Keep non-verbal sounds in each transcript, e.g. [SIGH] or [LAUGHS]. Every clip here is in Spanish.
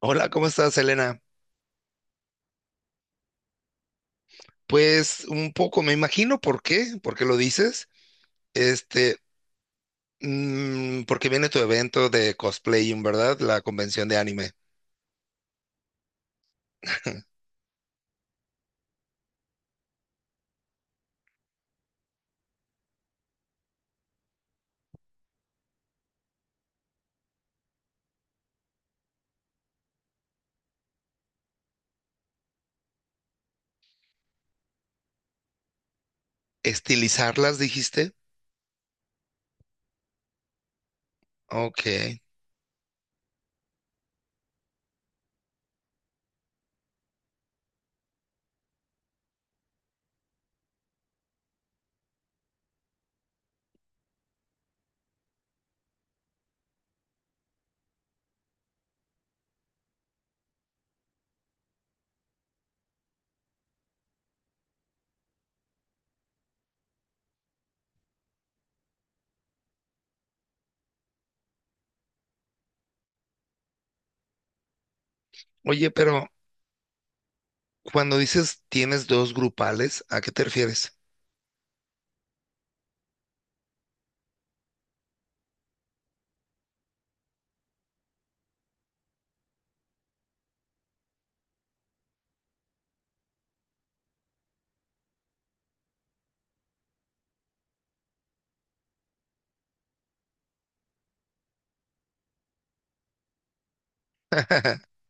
Hola, ¿cómo estás, Elena? Pues un poco, me imagino por qué lo dices. Este, Porque viene tu evento de cosplaying, ¿verdad? La convención de anime. [LAUGHS] ¿Estilizarlas, dijiste? Ok. Oye, pero cuando dices tienes dos grupales, ¿a qué te refieres? [LAUGHS]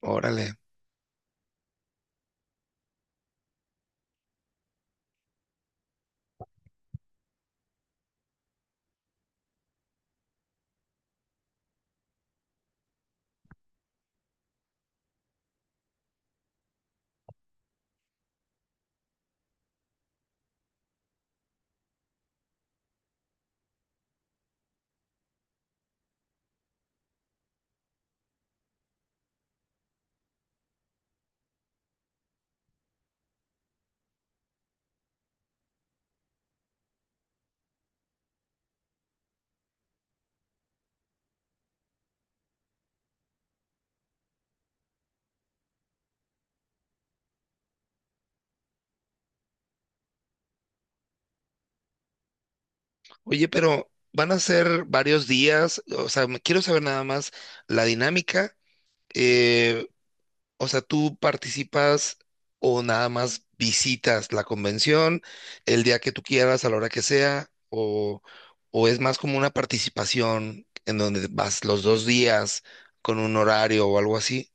Órale. Oye, pero van a ser varios días, o sea, quiero saber nada más la dinámica. eh, O sea, ¿tú participas o nada más visitas la convención el día que tú quieras, a la hora que sea? O es más como una participación en donde vas los dos días con un horario o algo así?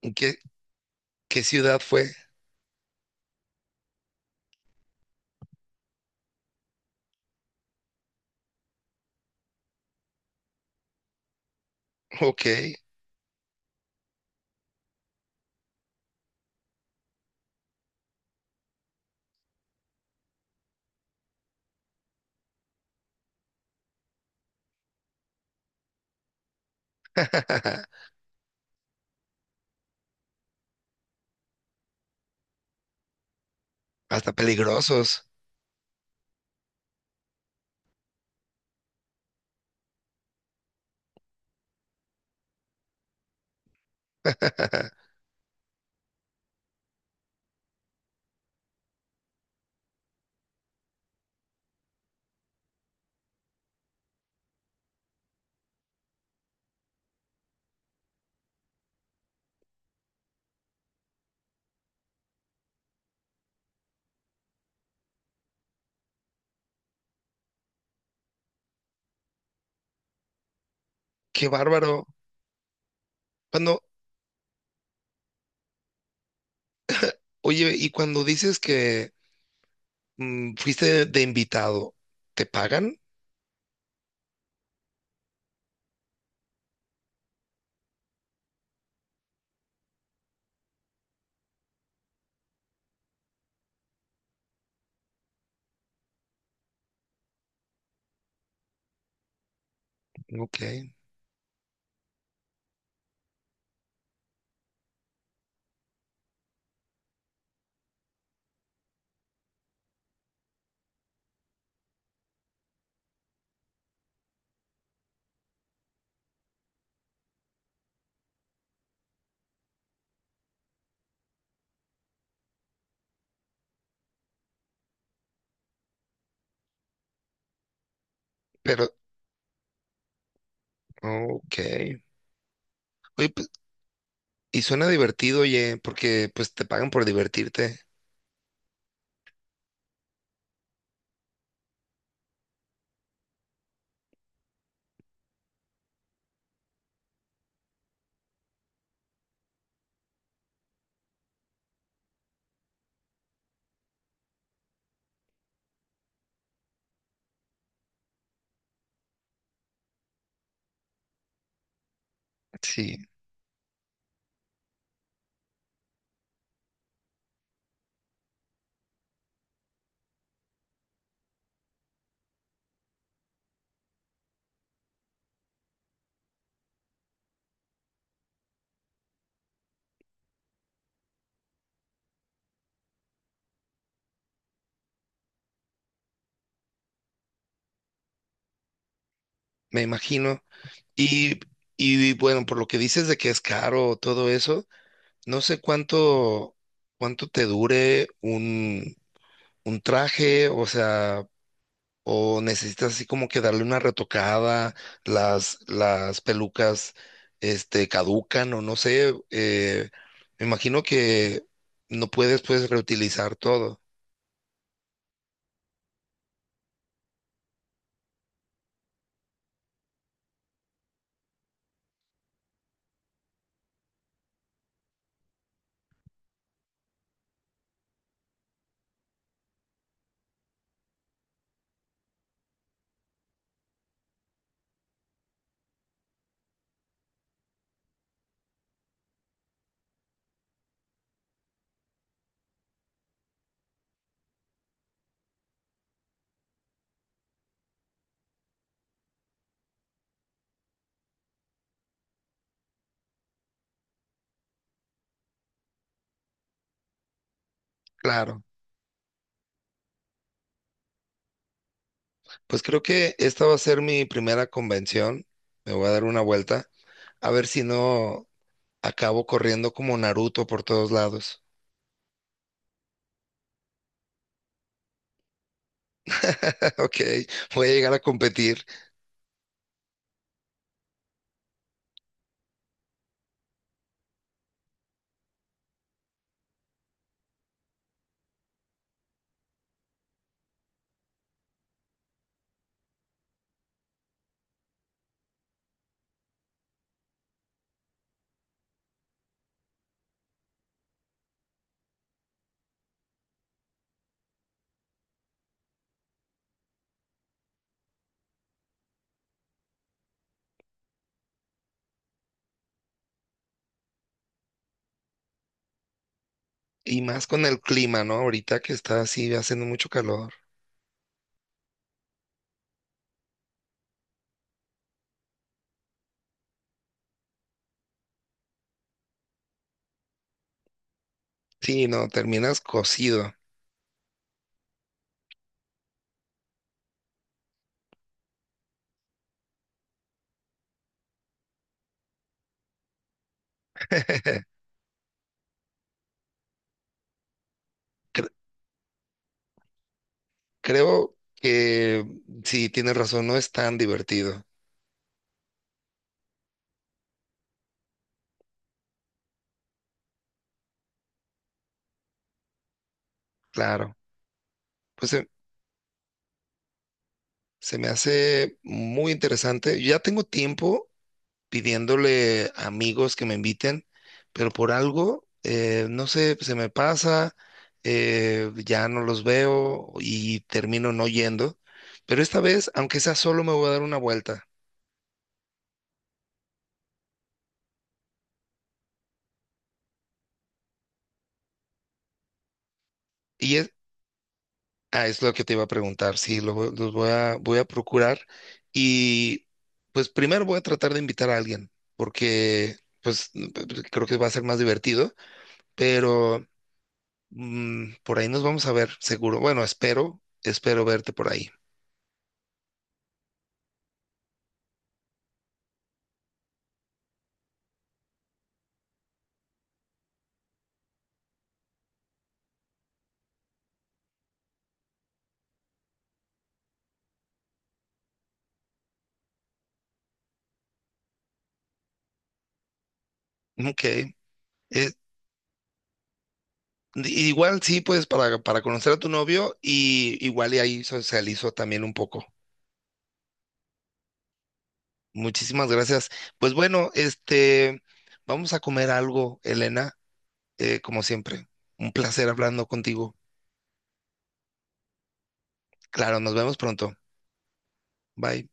¿En ¿Qué, qué ciudad fue? Ok. [LAUGHS] Hasta peligrosos. [LAUGHS] Qué bárbaro. Cuando, oye, y cuando dices que fuiste de invitado, ¿te pagan? Ok. Pero, ok. Oye, pues, y suena divertido, oye, porque pues te pagan por divertirte. Sí, me imagino. Y, y bueno, por lo que dices de que es caro todo eso, no sé cuánto, cuánto te dure un traje, o sea, o necesitas así como que darle una retocada, las pelucas, este, caducan o no sé, me imagino que no puedes pues reutilizar todo. Claro. Pues creo que esta va a ser mi primera convención. Me voy a dar una vuelta. A ver si no acabo corriendo como Naruto por todos lados. [LAUGHS] Ok, voy a llegar a competir. Y más con el clima, ¿no? Ahorita que está así haciendo mucho calor. Sí, no, terminas cocido. Cre- Creo que sí, tienes razón, no es tan divertido. Claro. Pues se, se me hace muy interesante. Ya tengo tiempo pidiéndole a amigos que me inviten, pero por algo, no sé, se me pasa, ya no los veo y termino no yendo. Pero esta vez, aunque sea solo, me voy a dar una vuelta. Y es, ah, es lo que te iba a preguntar, sí, los voy a, voy a procurar. Y pues primero voy a tratar de invitar a alguien, porque pues creo que va a ser más divertido, pero por ahí nos vamos a ver, seguro. Bueno, espero, espero verte por ahí. Ok. Eh, igual sí, pues para conocer a tu novio y igual y ahí socializo también un poco. Muchísimas gracias. Pues bueno, este, vamos a comer algo, Elena, como siempre. Un placer hablando contigo. Claro, nos vemos pronto. Bye.